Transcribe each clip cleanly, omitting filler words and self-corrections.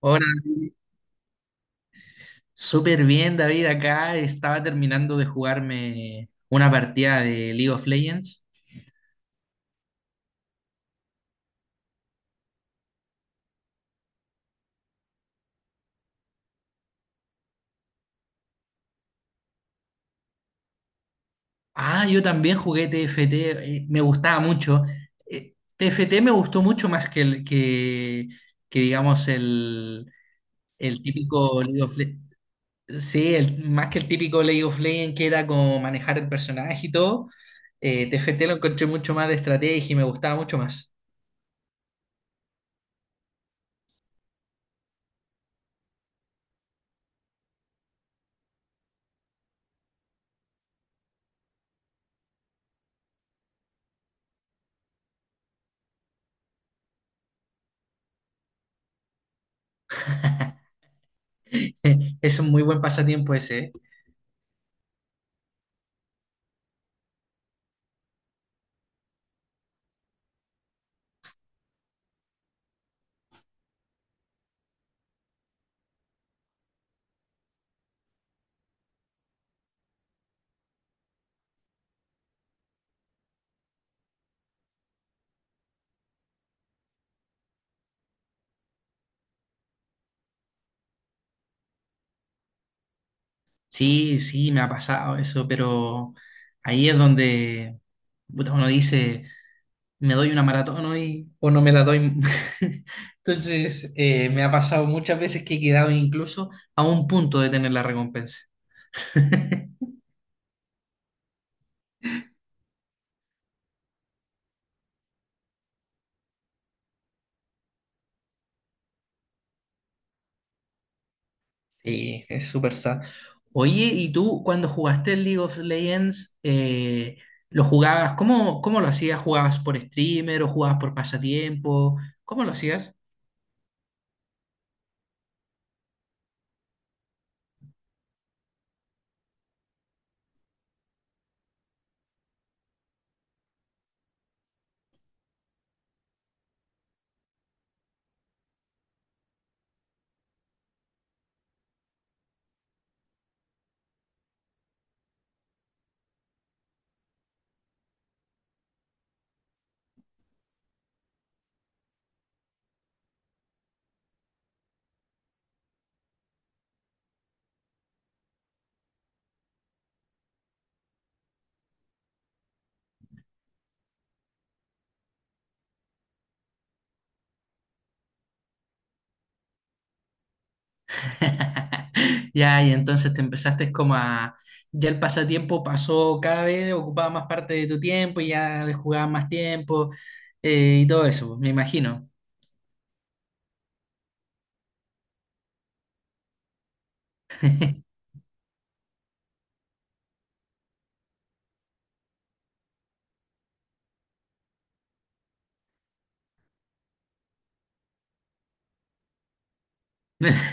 Hola, súper bien David, acá estaba terminando de jugarme una partida de League of Legends. Ah, yo también jugué TFT, me gustaba mucho. TFT me gustó mucho más que digamos el típico Sí, más que el típico League of Legends, que era como manejar el personaje y todo. TFT lo encontré mucho más de estrategia y me gustaba mucho más. Es un muy buen pasatiempo ese, ¿eh? Sí, sí, me ha pasado eso, pero ahí es donde puta, uno dice, me doy una maratón hoy o no me la doy. Entonces, me ha pasado muchas veces que he quedado incluso a un punto de tener la recompensa. Sí, es súper sad. Oye, ¿y tú cuando jugaste el League of Legends, lo jugabas? ¿Cómo lo hacías? ¿Jugabas por streamer o jugabas por pasatiempo? ¿Cómo lo hacías? Ya, y entonces te empezaste como ya el pasatiempo pasó cada vez, ocupaba más parte de tu tiempo y ya le jugaba más tiempo, y todo eso, me imagino.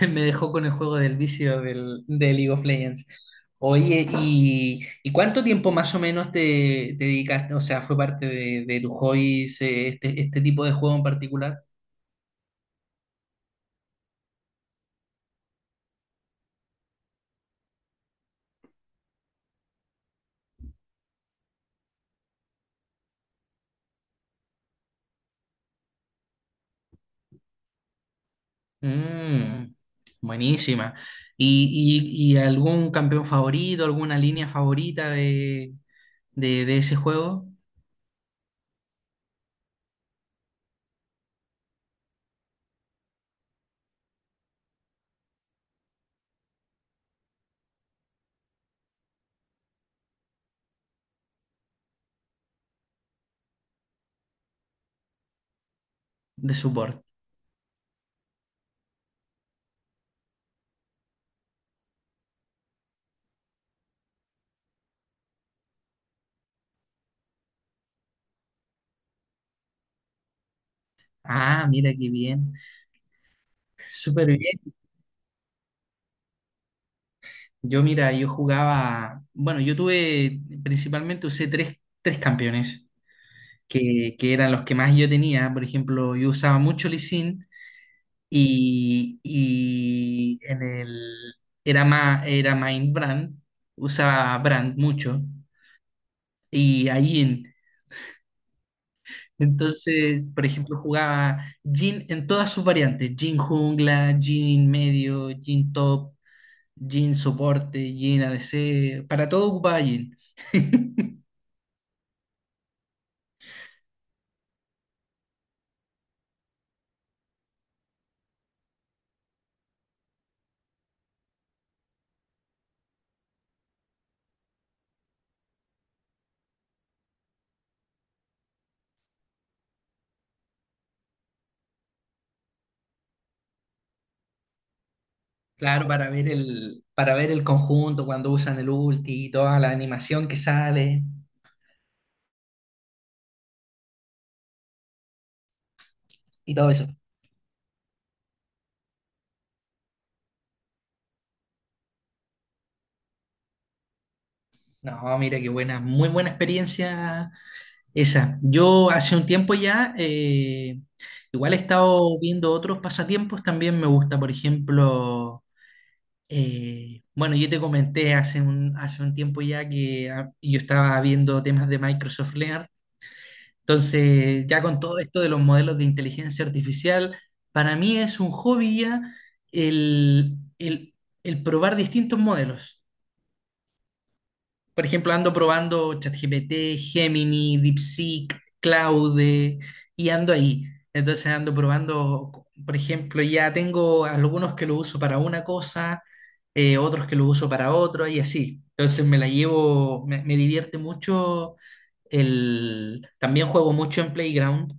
Me dejó con el juego del vicio de League of Legends. Oye, ¿y cuánto tiempo más o menos te dedicaste? O sea, ¿fue parte de tu hobby este, este tipo de juego en particular? Mm, buenísima. ¿Y algún campeón favorito, alguna línea favorita de ese juego de support? Ah, mira qué bien. Súper bien. Yo, mira, yo jugaba, bueno, yo tuve, principalmente usé tres campeones, que eran los que más yo tenía. Por ejemplo, yo usaba mucho Lee Sin y, y en el, era más, era Brand, usaba Brand mucho. Y a Jin. Entonces, por ejemplo, jugaba Jin en todas sus variantes: Jin jungla, Jin medio, Jin top, Jin soporte, Jin ADC. Para todo ocupaba Jin. Claro, para para ver el conjunto cuando usan el ulti y toda la animación que sale y todo eso. No, mira qué buena, muy buena experiencia esa. Yo hace un tiempo ya, igual he estado viendo otros pasatiempos, también me gusta, por ejemplo. Bueno, yo te comenté hace un tiempo ya que yo estaba viendo temas de Microsoft Learn. Entonces, ya con todo esto de los modelos de inteligencia artificial, para mí es un hobby ya el, el- el probar distintos modelos. Por ejemplo, ando probando ChatGPT, Gemini, DeepSeek, Claude y ando ahí. Entonces ando probando, por ejemplo, ya tengo algunos que lo uso para una cosa, otros que lo uso para otra y así. Entonces me la llevo, me divierte mucho el... También juego mucho en Playground.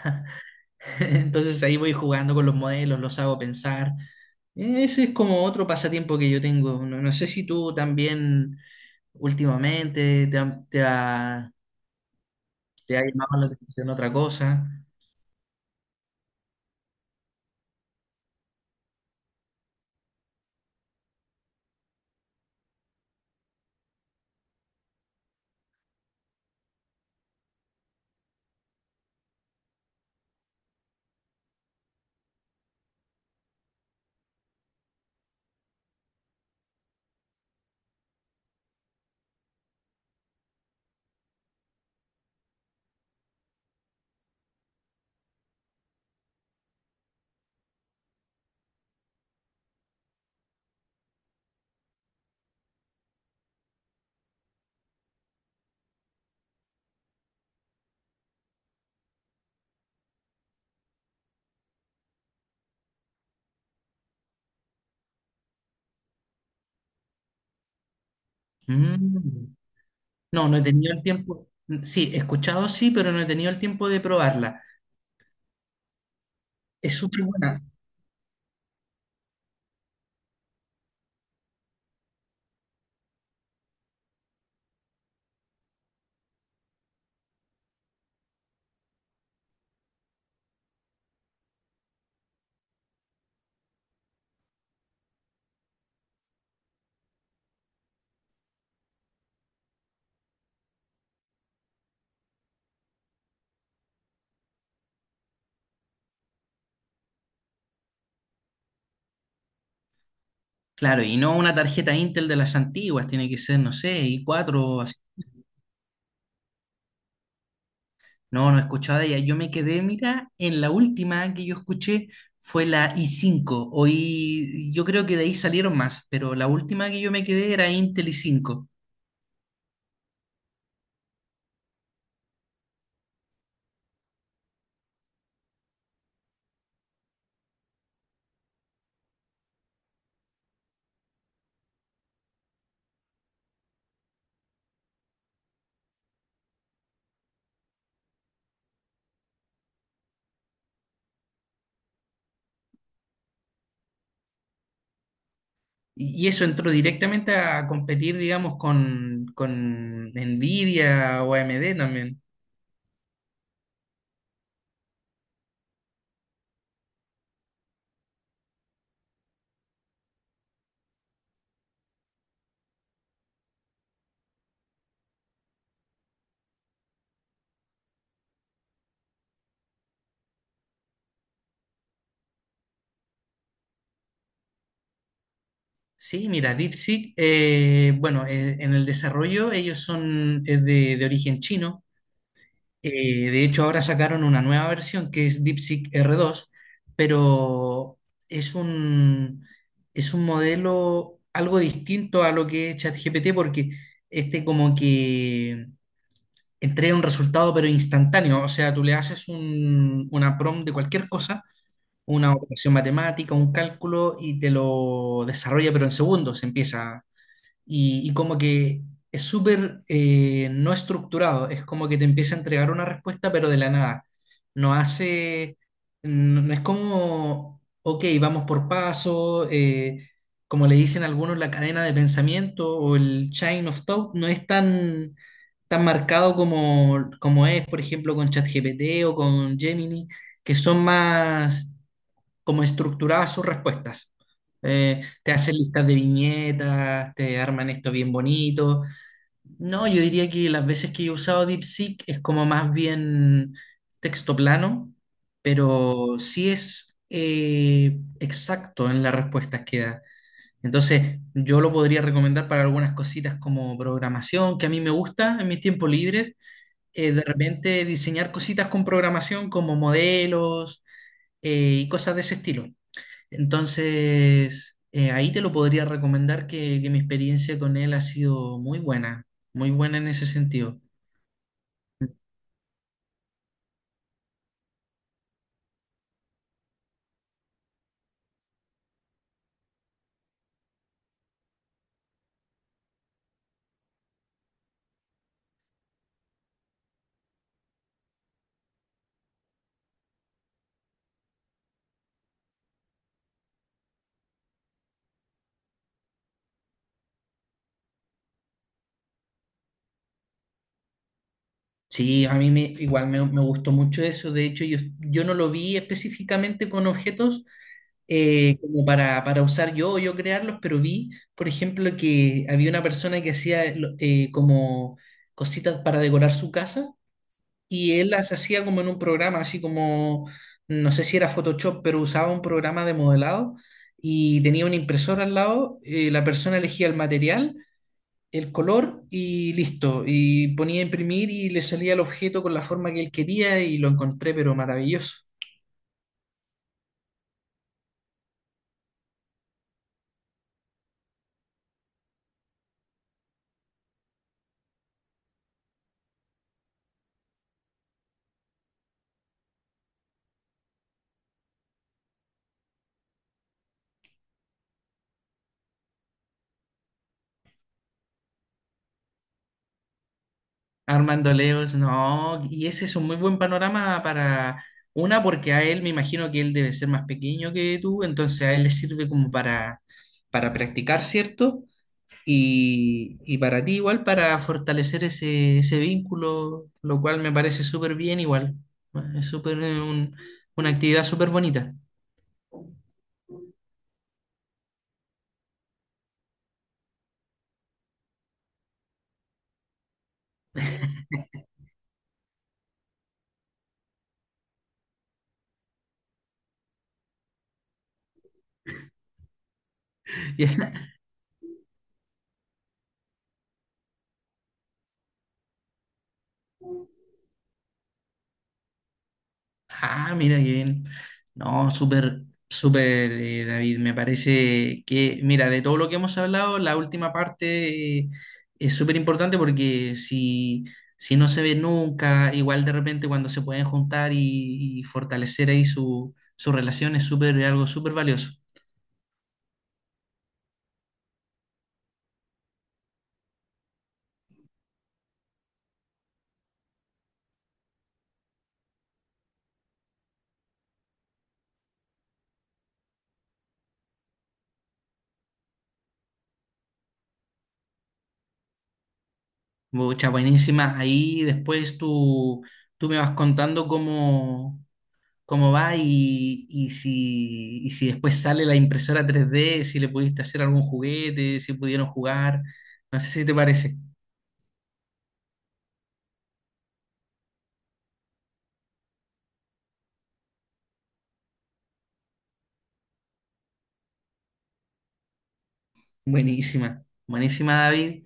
Entonces ahí voy jugando con los modelos, los hago pensar. Ese es como otro pasatiempo que yo tengo. No, no sé si tú también últimamente te ha llamado la atención otra cosa. Mm. No, no he tenido el tiempo. Sí, he escuchado sí, pero no he tenido el tiempo de probarla. Es súper buena. Claro, y no una tarjeta Intel de las antiguas, tiene que ser, no sé, i4, así. No, no he escuchado de ella. Yo me quedé, mira, en la última que yo escuché fue la I5. Hoy yo creo que de ahí salieron más, pero la última que yo me quedé era Intel I5. Y eso entró directamente a competir, digamos, con Nvidia o AMD también. Sí, mira, DeepSeek, bueno, en el desarrollo ellos son de origen chino. De hecho, ahora sacaron una nueva versión que es DeepSeek R2, pero es un, es un modelo algo distinto a lo que es ChatGPT, porque este como que entrega un resultado pero instantáneo. O sea, tú le haces una prompt de cualquier cosa, una operación matemática, un cálculo y te lo desarrolla pero en segundos. Empieza y como que es súper no estructurado, es como que te empieza a entregar una respuesta pero de la nada. No hace, no, no es como, ok, vamos por paso, como le dicen algunos, la cadena de pensamiento o el chain of thought, no es tan marcado como, como es, por ejemplo, con ChatGPT o con Gemini, que son más como estructuradas sus respuestas. Te hacen listas de viñetas, te arman esto bien bonito. No, yo diría que las veces que he usado DeepSeek es como más bien texto plano, pero sí es exacto en las respuestas que da. Entonces, yo lo podría recomendar para algunas cositas como programación, que a mí me gusta en mis tiempos libres. De repente diseñar cositas con programación como modelos, y cosas de ese estilo. Entonces, ahí te lo podría recomendar, que mi experiencia con él ha sido muy buena en ese sentido. Sí, a mí me gustó mucho eso. De hecho, yo no lo vi específicamente con objetos, como para usar yo o yo crearlos, pero vi, por ejemplo, que había una persona que hacía como cositas para decorar su casa, y él las hacía como en un programa, así como, no sé si era Photoshop, pero usaba un programa de modelado y tenía una impresora al lado, la persona elegía el material, el color y listo, y ponía a imprimir y le salía el objeto con la forma que él quería, y lo encontré pero maravilloso. Armando Leos, no, y ese es un muy buen panorama para... Una, porque a él me imagino que él debe ser más pequeño que tú, entonces a él le sirve como para practicar, ¿cierto? Y para ti igual, para fortalecer ese vínculo, lo cual me parece súper bien igual. Es súper una actividad súper bonita. Ya. Ah, mira qué bien. No, súper, David. Me parece que, mira, de todo lo que hemos hablado, la última parte, es súper importante porque si no se ve nunca, igual de repente cuando se pueden juntar y fortalecer ahí su relación, es súper, algo súper valioso. Muchas buenísimas. Ahí después tú me vas contando cómo, cómo va y si después sale la impresora 3D, si le pudiste hacer algún juguete, si pudieron jugar. No sé si te parece. Buenísima. Buenísima, David.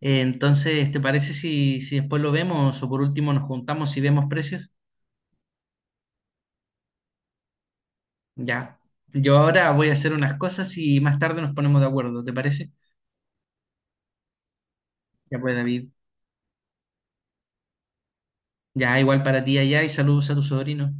Entonces, ¿te parece si, si después lo vemos o por último nos juntamos y vemos precios? Ya. Yo ahora voy a hacer unas cosas y más tarde nos ponemos de acuerdo, ¿te parece? Ya pues, David. Ya, igual para ti allá y saludos a tu sobrino.